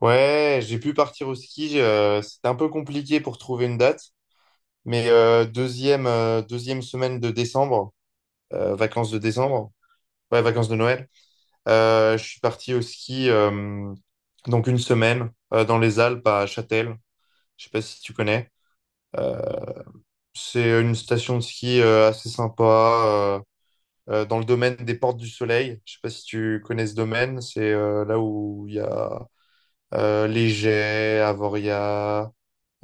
Ouais, j'ai pu partir au ski. C'était un peu compliqué pour trouver une date, mais deuxième semaine de décembre, vacances de décembre, ouais, vacances de Noël. Je suis parti au ski, donc une semaine dans les Alpes à Châtel. Je sais pas si tu connais. Euh, c'est une station de ski assez sympa euh, dans le domaine des Portes du Soleil. Je sais pas si tu connais ce domaine. C'est là où il y a Les Jets, Avoria.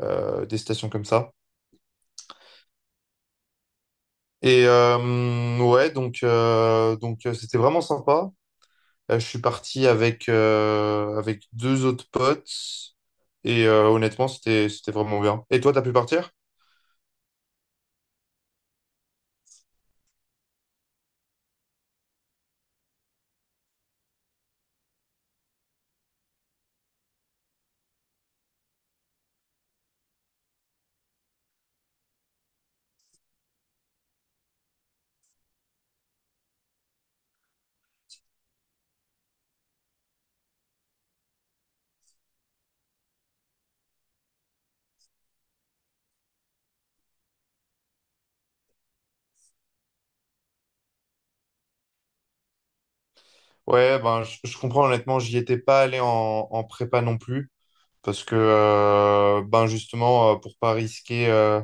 Des stations comme ça. Et ouais, donc c'était vraiment sympa. Je suis parti avec avec deux autres potes et honnêtement c'était vraiment bien. Et toi, t'as pu partir? Ouais, ben je comprends honnêtement, j'y étais pas allé en en prépa non plus parce que ben justement pour pas risquer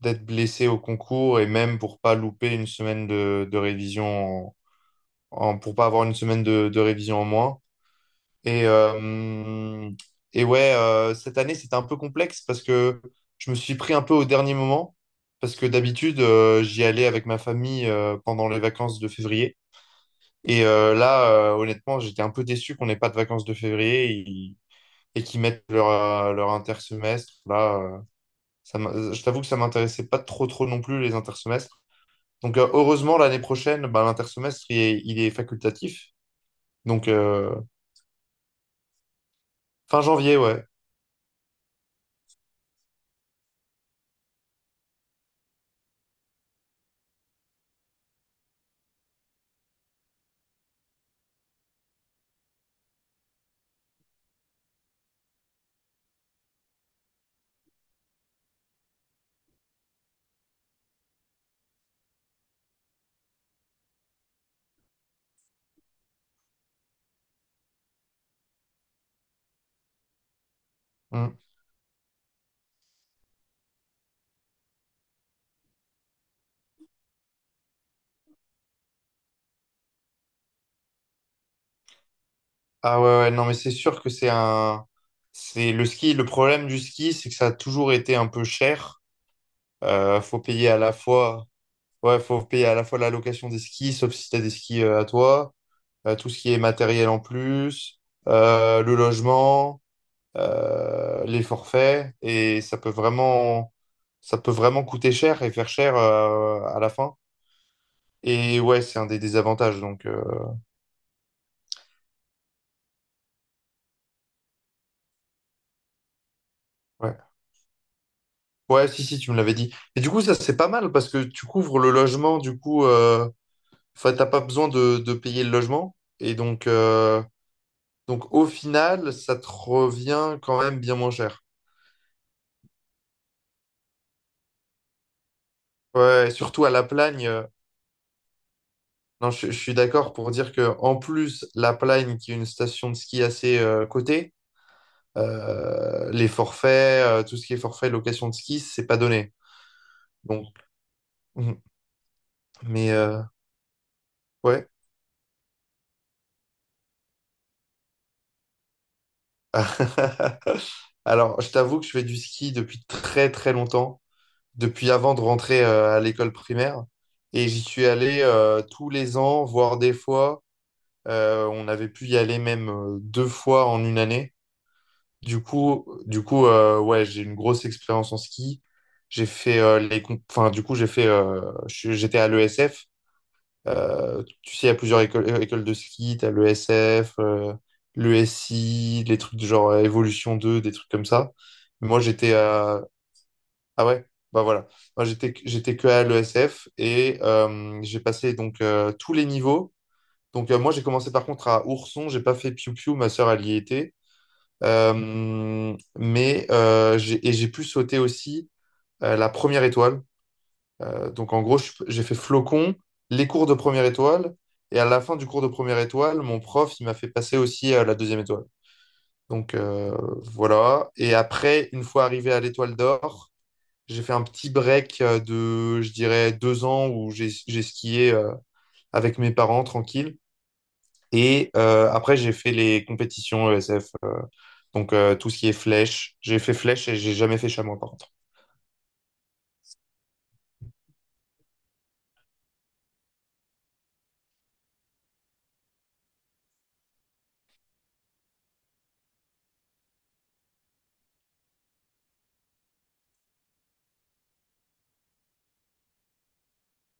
d'être blessé au concours et même pour pas louper une semaine de révision pour pas avoir une semaine de révision en moins. Et, euh, et ouais, cette année, c'était un peu complexe parce que je me suis pris un peu au dernier moment. Parce que d'habitude, j'y allais avec ma famille pendant les vacances de février. Et là, honnêtement, j'étais un peu déçu qu'on n'ait pas de vacances de février et qu'ils mettent leur intersemestre. Là, je t'avoue que ça m'intéressait pas trop, trop non plus, les intersemestres. Donc, heureusement, l'année prochaine, bah, l'intersemestre, il est facultatif. Donc, fin janvier, ouais. Mm. Ah ouais, ouais, non, mais c'est sûr que c'est un. C'est le ski. Le problème du ski, c'est que ça a toujours été un peu cher. Faut payer à la fois. Ouais, faut payer à la fois la location des skis, sauf si t'as des skis à toi, tout ce qui est matériel en plus, le logement, les forfaits. Et ça peut vraiment. Ça peut vraiment coûter cher et faire cher à la fin. Et ouais, c'est un des désavantages. Donc, ouais. Ouais, si, si, tu me l'avais dit. Et du coup, ça, c'est pas mal parce que tu couvres le logement, du coup, enfin, t'as pas besoin de payer le logement. Et donc, au final, ça te revient quand même bien moins cher. Ouais, surtout à La Plagne. Non, je suis d'accord pour dire que en plus, La Plagne, qui est une station de ski assez cotée, les forfaits, tout ce qui est forfait location de ski, c'est pas donné. Donc, mm, mais ouais. Alors, je t'avoue que je fais du ski depuis très très longtemps, depuis avant de rentrer à l'école primaire. Et j'y suis allé tous les ans, voire des fois. On avait pu y aller même deux fois en une année. Du coup ouais, j'ai une grosse expérience en ski. J'ai fait enfin, du coup, j'ai fait j'étais à l'ESF. Tu sais, il y a plusieurs écoles, écoles de ski. T'as l'ESF, l'ESI, les trucs du genre Évolution deux, des trucs comme ça. Moi, j'étais. Ah ouais, bah voilà. Moi j'étais que à l'ESF et j'ai passé donc tous les niveaux. Donc moi j'ai commencé par contre à Ourson, j'ai pas fait Piu Piu, ma sœur elle y était. Mais j'ai pu sauter aussi la première étoile. Donc en gros j'ai fait Flocon, les cours de première étoile, et à la fin du cours de première étoile, mon prof il m'a fait passer aussi la deuxième étoile. Donc voilà. Et après une fois arrivé à l'étoile d'or. J'ai fait un petit break de, je dirais, 2 ans où j'ai skié avec mes parents tranquille. Et après, j'ai fait les compétitions ESF. Donc, tout ce qui est flèche. J'ai fait flèche et j'ai jamais fait chamois, par contre.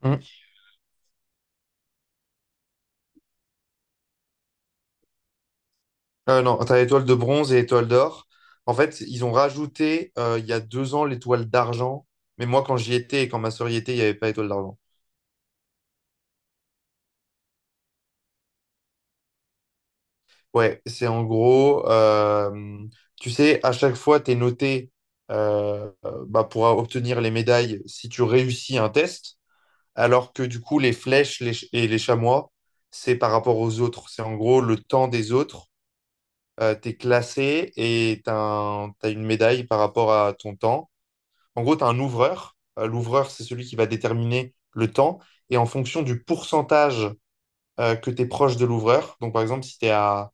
Hmm. Non, t'as l'étoile de bronze et l'étoile d'or. En fait, ils ont rajouté il y a 2 ans l'étoile d'argent. Mais moi, quand j'y étais et quand ma sœur y était, il n'y avait pas l'étoile d'argent. Ouais, c'est en gros, tu sais, à chaque fois, tu es noté bah, pour obtenir les médailles si tu réussis un test, alors que du coup, les flèches et les chamois, c'est par rapport aux autres. C'est en gros le temps des autres. Tu es classé et tu as une médaille par rapport à ton temps. En gros, tu as un ouvreur. L'ouvreur c'est celui qui va déterminer le temps. Et en fonction du pourcentage que tu es proche de l'ouvreur, donc par exemple, si tu es à,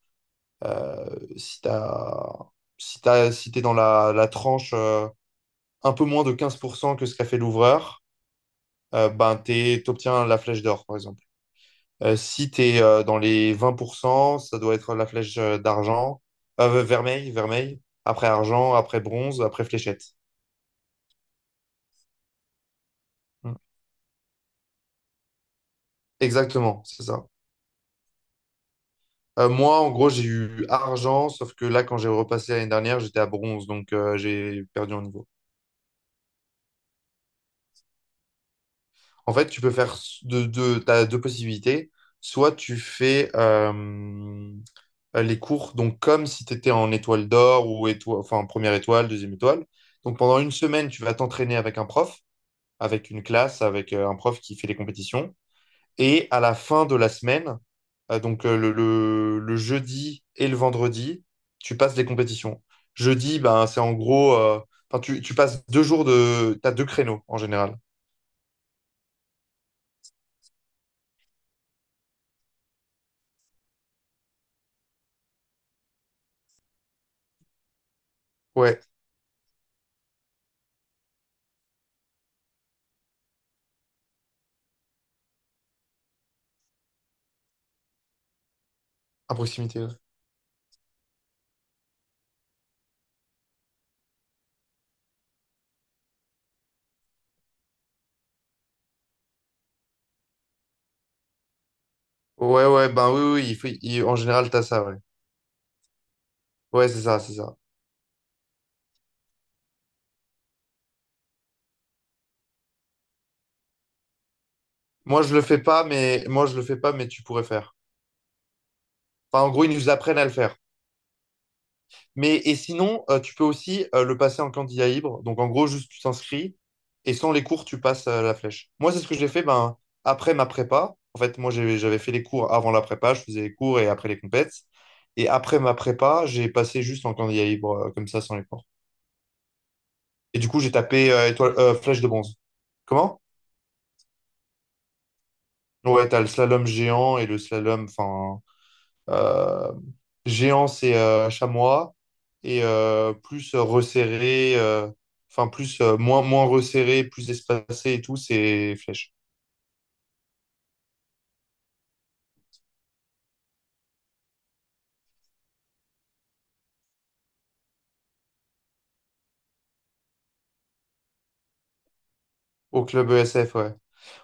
si t'as- si t'es dans la tranche un peu moins de 15% que ce qu'a fait l'ouvreur, ben, t'obtiens la flèche d'or, par exemple. Si tu es dans les 20%, ça doit être la flèche d'argent, vermeil, après argent, après bronze, après fléchette. Mm. Exactement, c'est ça. Moi, en gros, j'ai eu argent, sauf que là, quand j'ai repassé l'année dernière, j'étais à bronze, donc j'ai perdu en niveau. En fait, tu peux faire t'as deux possibilités. Soit tu fais les cours, donc comme si tu étais en étoile d'or ou étoile, enfin première étoile, deuxième étoile. Donc pendant une semaine, tu vas t'entraîner avec un prof, avec une classe, avec un prof qui fait les compétitions. Et à la fin de la semaine, le jeudi et le vendredi, tu passes des compétitions. Jeudi, ben, c'est en gros, enfin, tu passes 2 jours t'as deux créneaux en général. Ouais, à proximité. Ouais, ouais, ouais, ben oui, oui, en général, t'as ça, ouais. Ouais, c'est ça, c'est ça. Moi, je le fais pas, mais tu pourrais faire. Enfin, en gros, ils nous apprennent à le faire. Mais et sinon, tu peux aussi le passer en candidat libre. Donc en gros, juste tu t'inscris et sans les cours, tu passes la flèche. Moi, c'est ce que j'ai fait ben, après ma prépa. En fait, moi, j'avais fait les cours avant la prépa, je faisais les cours et après les compètes. Et après ma prépa, j'ai passé juste en candidat libre, comme ça, sans les cours. Et du coup, j'ai tapé étoile, flèche de bronze. Comment? Ouais, t'as le slalom géant et le slalom, enfin. euh, géants, c'est chamois et plus resserré, enfin plus moins resserré, plus espacé et tout, c'est flèche. Au club ESF, ouais.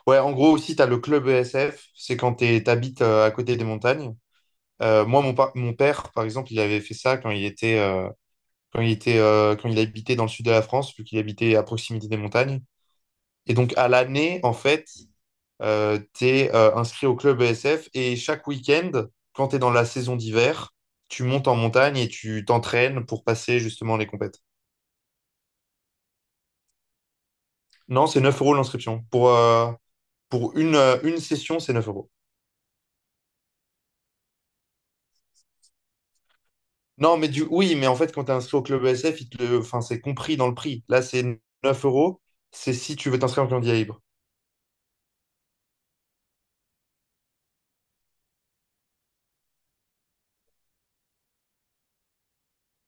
Ouais, en gros aussi, tu as le club ESF, c'est quand tu t'habites à côté des montagnes. Moi, mon père, par exemple, il avait fait ça quand il habitait dans le sud de la France, vu qu'il habitait à proximité des montagnes. Et donc, à l'année, en fait, tu es inscrit au club ESF et chaque week-end, quand tu es dans la saison d'hiver, tu montes en montagne et tu t'entraînes pour passer justement les compètes. Non, c'est 9 euros l'inscription. Pour une session, c'est 9 euros. Non, mais oui, mais en fait, quand tu es inscrit au club ESF, enfin, c'est compris dans le prix. Là, c'est 9 euros. C'est si tu veux t'inscrire en candidat libre.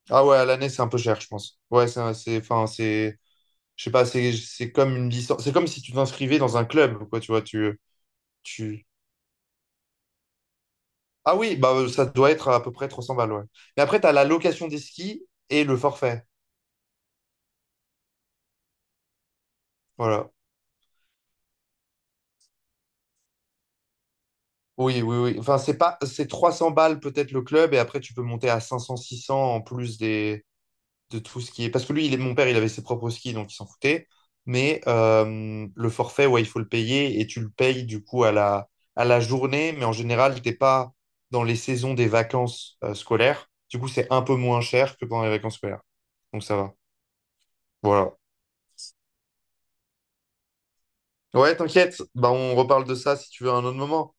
Ah ouais, à l'année, c'est un peu cher, je pense. Ouais, enfin, je sais pas, c'est comme une licence. C'est comme si tu t'inscrivais dans un club, quoi, tu vois. Tu, Ah oui, bah, ça doit être à peu près 300 balles, ouais. Mais après, tu as la location des skis et le forfait. Voilà. Oui, oui, oui. Enfin, c'est pas, c'est 300 balles peut-être le club et après, tu peux monter à 500, 600 en plus de tout ce qui est. Parce que lui, mon père, il avait ses propres skis, donc il s'en foutait. Mais le forfait, ouais, il faut le payer et tu le payes du coup à la, journée. Mais en général, t'es pas dans les saisons des vacances scolaires. Du coup, c'est un peu moins cher que pendant les vacances scolaires. Donc, ça va. Voilà. Ouais, t'inquiète. Bah, on reparle de ça si tu veux à un autre moment.